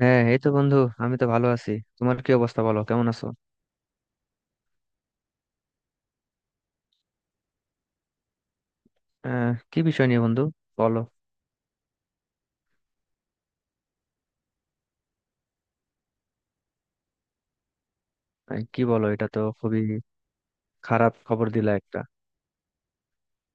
হ্যাঁ, এই তো বন্ধু। আমি তো ভালো আছি। তোমার কি অবস্থা, বলো কেমন আছো? কি বিষয় নিয়ে, বন্ধু? বলো। কি বলো, এটা তো খুবই খারাপ খবর দিলা একটা।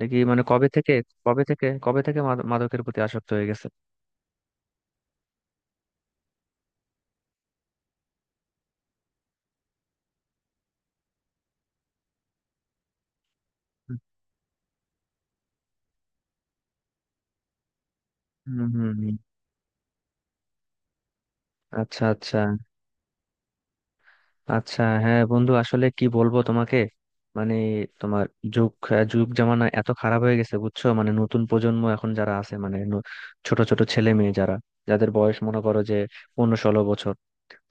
দেখি মানে কবে থেকে, কবে থেকে মাদকের প্রতি আসক্ত হয়ে গেছে? হুম হুম হুম। আচ্ছা আচ্ছা। আচ্ছা, হ্যাঁ বন্ধু, আসলে কি বলবো তোমাকে। মানে তোমার যুগ জামানা এত খারাপ হয়ে গেছে, বুঝছো? মানে নতুন প্রজন্ম এখন যারা আছে, ছোট ছোট ছেলে মেয়ে যারা, যাদের বয়স মনে করো যে 15-16 বছর,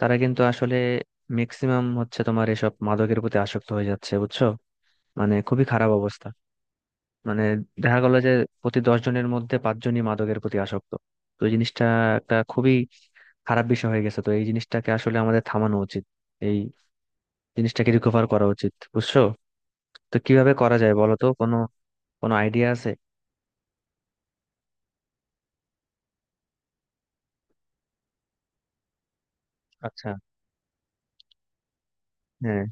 তারা কিন্তু আসলে ম্যাক্সিমাম হচ্ছে তোমার এসব মাদকের প্রতি আসক্ত হয়ে যাচ্ছে, বুঝছো? মানে খুবই খারাপ অবস্থা। মানে দেখা গেল যে প্রতি 10 জনের মধ্যে 5জনই মাদকের প্রতি আসক্ত। তো এই জিনিসটা একটা খুবই খারাপ বিষয় হয়ে গেছে। তো এই জিনিসটাকে আসলে আমাদের থামানো উচিত, এই জিনিসটাকে রিকভার করা উচিত, বুঝছো? তো কিভাবে করা যায় বলো তো, কোনো কোনো আইডিয়া আছে? আচ্ছা। হ্যাঁ।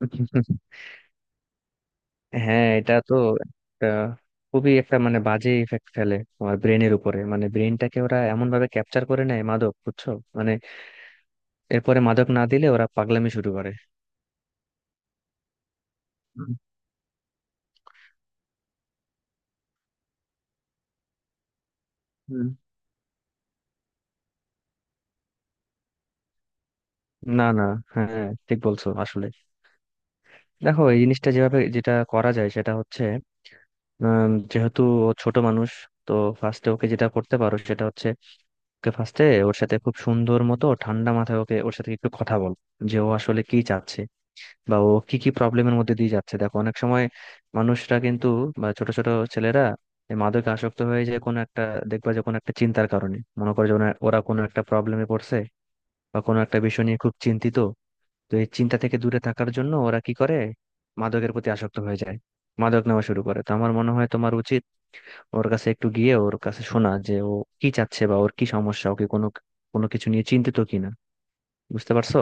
হ্যাঁ, এটা তো একটা খুবই একটা মানে বাজে ইফেক্ট ফেলে তোমার ব্রেনের উপরে। মানে ব্রেনটাকে ওরা এমন ভাবে ক্যাপচার করে নেয় মাদক, বুঝছো? মানে এরপরে মাদক না দিলে ওরা পাগলামি শুরু করে। হুম, হুম। না না। হ্যাঁ হ্যাঁ, ঠিক বলছো আসলে। দেখো, এই জিনিসটা যেভাবে যেটা করা যায়, সেটা হচ্ছে যেহেতু ও ছোট মানুষ, তো ফার্স্টে ওকে যেটা করতে পারো সেটা হচ্ছে ওকে ফার্স্টে ওর সাথে খুব সুন্দর মতো ঠান্ডা মাথায় ওকে ওর সাথে একটু কথা বল, যে ও আসলে কি চাচ্ছে বা ও কি কি প্রবলেমের মধ্যে দিয়ে যাচ্ছে। দেখো অনেক সময় মানুষরা কিন্তু, বা ছোট ছোট ছেলেরা এই মাদকে আসক্ত হয়ে যায় কোনো একটা, দেখবা যে কোনো একটা চিন্তার কারণে, মনে করে যে ওরা কোনো একটা প্রবলেমে পড়ছে বা কোনো একটা বিষয় নিয়ে খুব চিন্তিত। তো এই চিন্তা থেকে দূরে থাকার জন্য ওরা কি করে, মাদকের প্রতি আসক্ত হয়ে যায়, মাদক নেওয়া শুরু করে। তো আমার মনে হয় তোমার উচিত ওর কাছে একটু গিয়ে ওর কাছে শোনা, যে ও কি চাচ্ছে বা ওর কি সমস্যা, ওকে কোনো কোনো কিছু নিয়ে চিন্তিত কিনা। বুঝতে পারছো?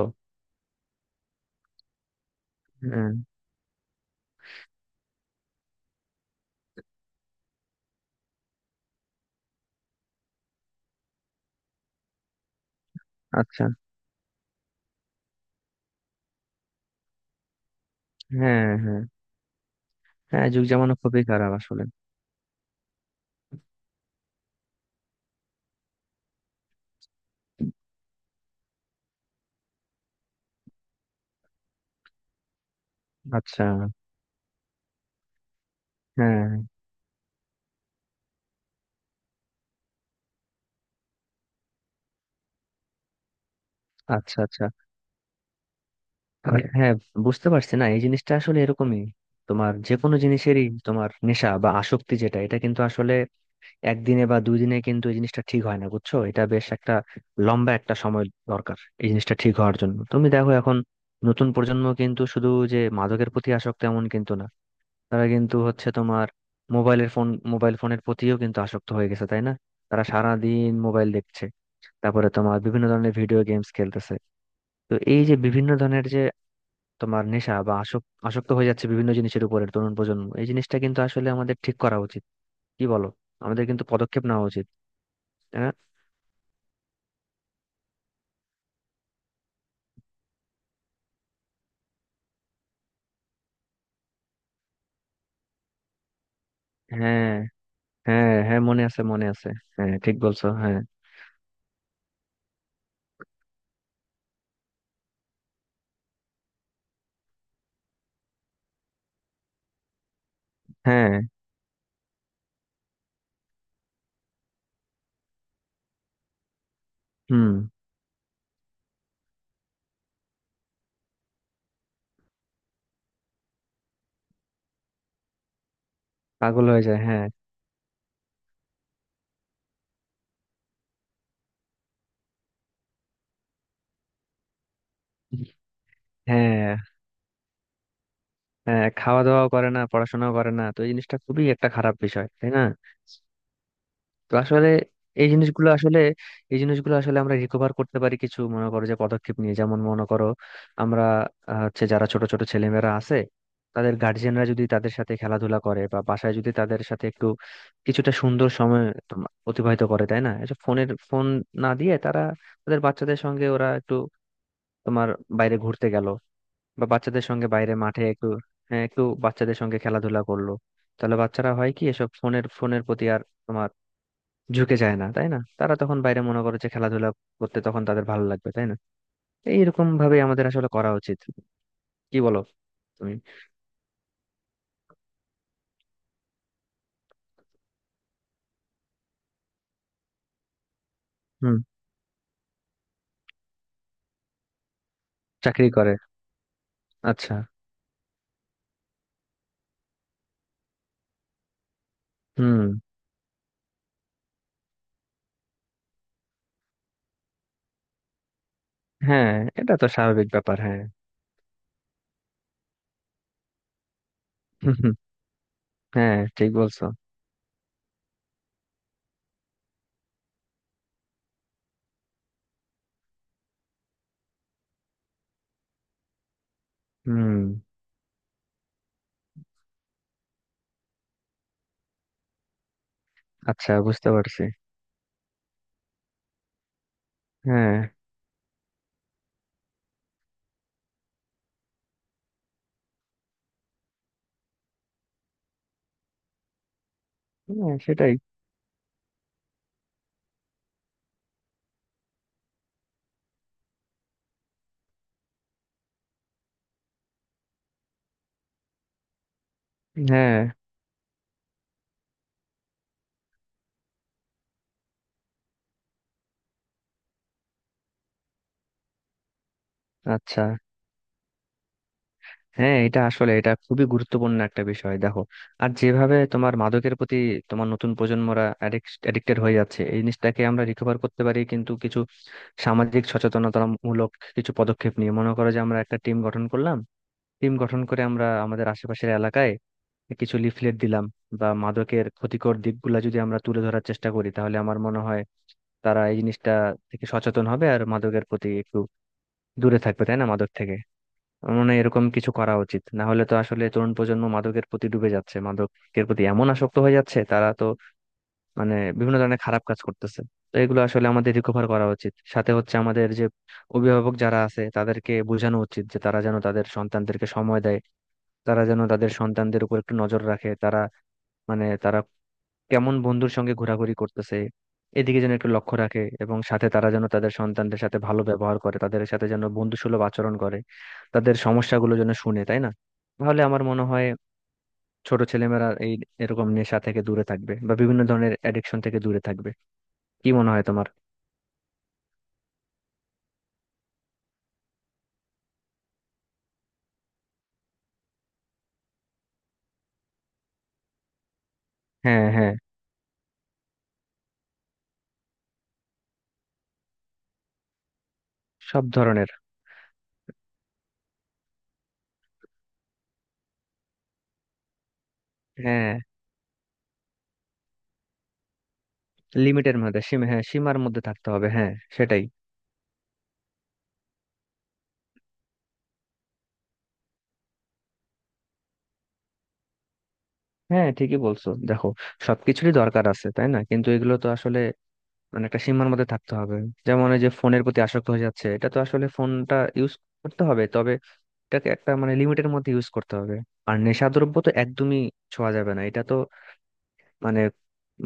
হ্যাঁ। আচ্ছা। হ্যাঁ হ্যাঁ। হ্যাঁ যুগ জামানো খুবই খারাপ আসলে। আচ্ছা। হ্যাঁ। আচ্ছা আচ্ছা। আর হ্যাঁ, বুঝতে পারছি না, এই জিনিসটা আসলে এরকমই। তোমার যে কোনো জিনিসেরই তোমার নেশা বা আসক্তি যেটা, এটা কিন্তু আসলে একদিনে বা 2 দিনে কিন্তু এই জিনিসটা ঠিক হয় না, বুঝছো। এটা বেশ একটা লম্বা একটা সময় দরকার এই জিনিসটা ঠিক হওয়ার জন্য। তুমি দেখো এখন নতুন প্রজন্ম কিন্তু শুধু যে মাদকের প্রতি আসক্ত, এমন কিন্তু না। তারা কিন্তু হচ্ছে তোমার মোবাইলের ফোন মোবাইল ফোনের প্রতিও কিন্তু আসক্ত হয়ে গেছে, তাই না? তারা সারা দিন মোবাইল দেখছে, তারপরে তোমার বিভিন্ন ধরনের ভিডিও গেমস খেলতেছে। তো এই যে বিভিন্ন ধরনের যে তোমার নেশা বা আসক্ত হয়ে যাচ্ছে বিভিন্ন জিনিসের উপরে তরুণ প্রজন্ম, এই জিনিসটা কিন্তু আসলে আমাদের ঠিক করা উচিত। কি বলো? আমাদের কিন্তু পদক্ষেপ নেওয়া উচিত। হ্যাঁ হ্যাঁ। হ্যাঁ হ্যাঁ, মনে আছে মনে আছে। হ্যাঁ ঠিক বলছো, হ্যাঁ। হ্যাঁ। হুম। পাগল হয়ে যায়, হ্যাঁ। হ্যাঁ। হ্যাঁ, খাওয়া দাওয়াও করে না, পড়াশোনাও করে না। তো এই জিনিসটা খুবই একটা খারাপ বিষয়, তাই না? তো আসলে এই জিনিসগুলো আসলে এই জিনিসগুলো আসলে আমরা রিকভার করতে পারি কিছু মনে করো যে পদক্ষেপ নিয়ে, যেমন মনে করো আমরা হচ্ছে যারা ছোট ছোট ছেলেমেয়েরা আছে তাদের গার্জিয়ানরা যদি তাদের সাথে খেলাধুলা করে, বা বাসায় যদি তাদের সাথে একটু কিছুটা সুন্দর সময় অতিবাহিত করে, তাই না, এসব ফোন না দিয়ে তারা তাদের বাচ্চাদের সঙ্গে ওরা একটু তোমার বাইরে ঘুরতে গেল বা বাচ্চাদের সঙ্গে বাইরে মাঠে একটু, হ্যাঁ একটু বাচ্চাদের সঙ্গে খেলাধুলা করলো, তাহলে বাচ্চারা হয় কি এসব ফোনের ফোনের প্রতি আর তোমার ঝুঁকে যায় না, তাই না? তারা তখন বাইরে মনে করে যে খেলাধুলা করতে, তখন তাদের ভালো লাগবে, তাই না? এইরকম ভাবে আমাদের আসলে করা উচিত। কি বলো তুমি? হুম। চাকরি করে। আচ্ছা। হুম। হ্যাঁ, এটা তো স্বাভাবিক ব্যাপার, হ্যাঁ। হুম, হ্যাঁ ঠিক বলছো। হুম। আচ্ছা, বুঝতে পারছি। হ্যাঁ। হ্যাঁ সেটাই। হ্যাঁ। আচ্ছা। হ্যাঁ, এটা আসলে এটা খুবই গুরুত্বপূর্ণ একটা বিষয়। দেখো আর যেভাবে তোমার মাদকের প্রতি তোমার নতুন প্রজন্মরা অ্যাডিক্টেড হয়ে যাচ্ছে, এই জিনিসটাকে আমরা রিকভার করতে পারি কিন্তু কিছু সামাজিক সচেতনতামূলক কিছু পদক্ষেপ নিয়ে। মনে করো যে আমরা একটা টিম গঠন করলাম, টিম গঠন করে আমরা আমাদের আশেপাশের এলাকায় কিছু লিফলেট দিলাম বা মাদকের ক্ষতিকর দিকগুলা যদি আমরা তুলে ধরার চেষ্টা করি, তাহলে আমার মনে হয় তারা এই জিনিসটা থেকে সচেতন হবে আর মাদকের প্রতি একটু দূরে থাকবে, তাই না, মাদক থেকে। আমার মনে হয় এরকম কিছু করা উচিত, না হলে তো আসলে তরুণ প্রজন্ম মাদকের প্রতি ডুবে যাচ্ছে, মাদকের প্রতি এমন আসক্ত হয়ে যাচ্ছে তারা, তো মানে বিভিন্ন ধরনের খারাপ কাজ করতেছে। তো এগুলো আসলে আমাদের রিকভার করা উচিত, সাথে হচ্ছে আমাদের যে অভিভাবক যারা আছে তাদেরকে বোঝানো উচিত যে তারা যেন তাদের সন্তানদেরকে সময় দেয়, তারা যেন তাদের সন্তানদের উপর একটু নজর রাখে, তারা মানে তারা কেমন বন্ধুর সঙ্গে ঘোরাঘুরি করতেছে এদিকে যেন একটু লক্ষ্য রাখে, এবং সাথে তারা যেন তাদের সন্তানদের সাথে ভালো ব্যবহার করে, তাদের সাথে যেন বন্ধুসুলভ আচরণ করে, তাদের সমস্যাগুলো যেন শুনে, তাই না? তাহলে আমার মনে হয় ছোট ছেলেমেয়েরা এই এরকম নেশা থেকে দূরে থাকবে বা বিভিন্ন ধরনের অ্যাডিকশন থেকে দূরে থাকবে। কি মনে হয় তোমার? হ্যাঁ হ্যাঁ। সব ধরনের। হ্যাঁ। লিমিটের মধ্যে, সীমা, হ্যাঁ সীমার মধ্যে থাকতে হবে, হ্যাঁ। সেটাই। হ্যাঁ ঠিকই বলছো। দেখো সবকিছুরই দরকার আছে, তাই না, কিন্তু এগুলো তো আসলে মানে একটা সীমার মধ্যে থাকতে হবে। যেমন এই যে ফোনের প্রতি আসক্ত হয়ে যাচ্ছে, এটা তো আসলে ফোনটা ইউজ করতে হবে, তবে এটাকে একটা মানে লিমিটের মধ্যে ইউজ করতে হবে। আর নেশাদ্রব্য তো একদমই ছোঁয়া যাবে না। এটা তো মানে,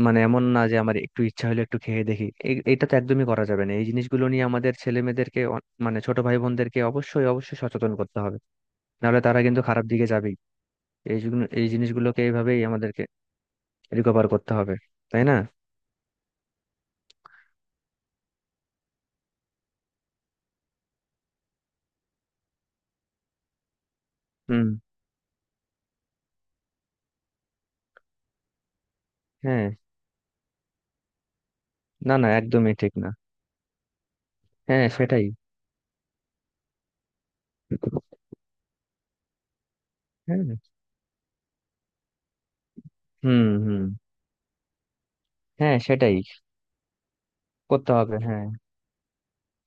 মানে এমন না যে আমার একটু ইচ্ছা হলে একটু খেয়ে দেখি, এটা তো একদমই করা যাবে না। এই জিনিসগুলো নিয়ে আমাদের ছেলে মেয়েদেরকে, মানে ছোট ভাই বোনদেরকে অবশ্যই অবশ্যই সচেতন করতে হবে, নাহলে তারা কিন্তু খারাপ দিকে যাবেই। এই জিনিসগুলোকে এইভাবেই আমাদেরকে রিকভার করতে হবে, তাই না? হুম। হ্যাঁ। না না, একদমই ঠিক না। হ্যাঁ সেটাই। হ্যাঁ। হুম হুম। হ্যাঁ সেটাই, করতে হবে, হ্যাঁ।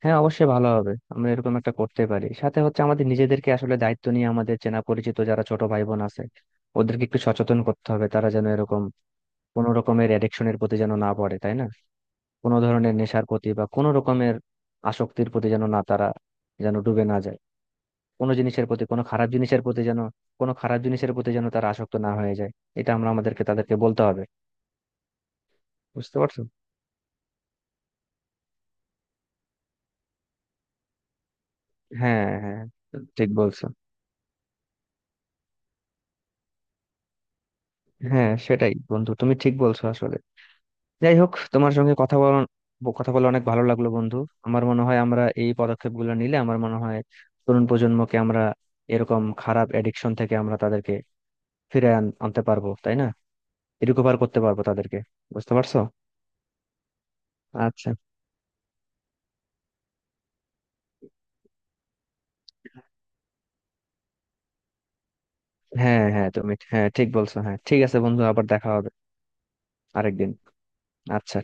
হ্যাঁ অবশ্যই ভালো হবে, আমরা এরকম একটা করতে পারি, সাথে হচ্ছে আমাদের নিজেদেরকে আসলে দায়িত্ব নিয়ে আমাদের চেনা পরিচিত যারা ছোট ভাই বোন আছে ওদেরকে একটু সচেতন করতে হবে, তারা যেন এরকম কোনো রকমের অ্যাডিকশনের প্রতি যেন না পড়ে, তাই না, কোনো ধরনের নেশার প্রতি বা কোনো রকমের আসক্তির প্রতি যেন না, তারা যেন ডুবে না যায় কোনো জিনিসের প্রতি, কোনো খারাপ জিনিসের প্রতি যেন তারা আসক্ত না হয়ে যায়। এটা আমরা আমাদেরকে তাদেরকে বলতে হবে। বুঝতে পারছো? হ্যাঁ হ্যাঁ, ঠিক বলছো। হ্যাঁ সেটাই বন্ধু, তুমি ঠিক বলছো আসলে। যাই হোক, তোমার সঙ্গে কথা বলে অনেক ভালো লাগলো বন্ধু। আমার মনে হয় আমরা এই পদক্ষেপগুলো নিলে আমার মনে হয় তরুণ প্রজন্মকে আমরা এরকম খারাপ এডিকশন থেকে আমরা তাদেরকে আনতে পারবো, তাই না, রিকভার করতে পারবো তাদেরকে। বুঝতে পারছো? আচ্ছা। হ্যাঁ হ্যাঁ, তুমি হ্যাঁ ঠিক বলছো, হ্যাঁ ঠিক আছে বন্ধু, আবার দেখা হবে। আরেকদিন। আচ্ছা।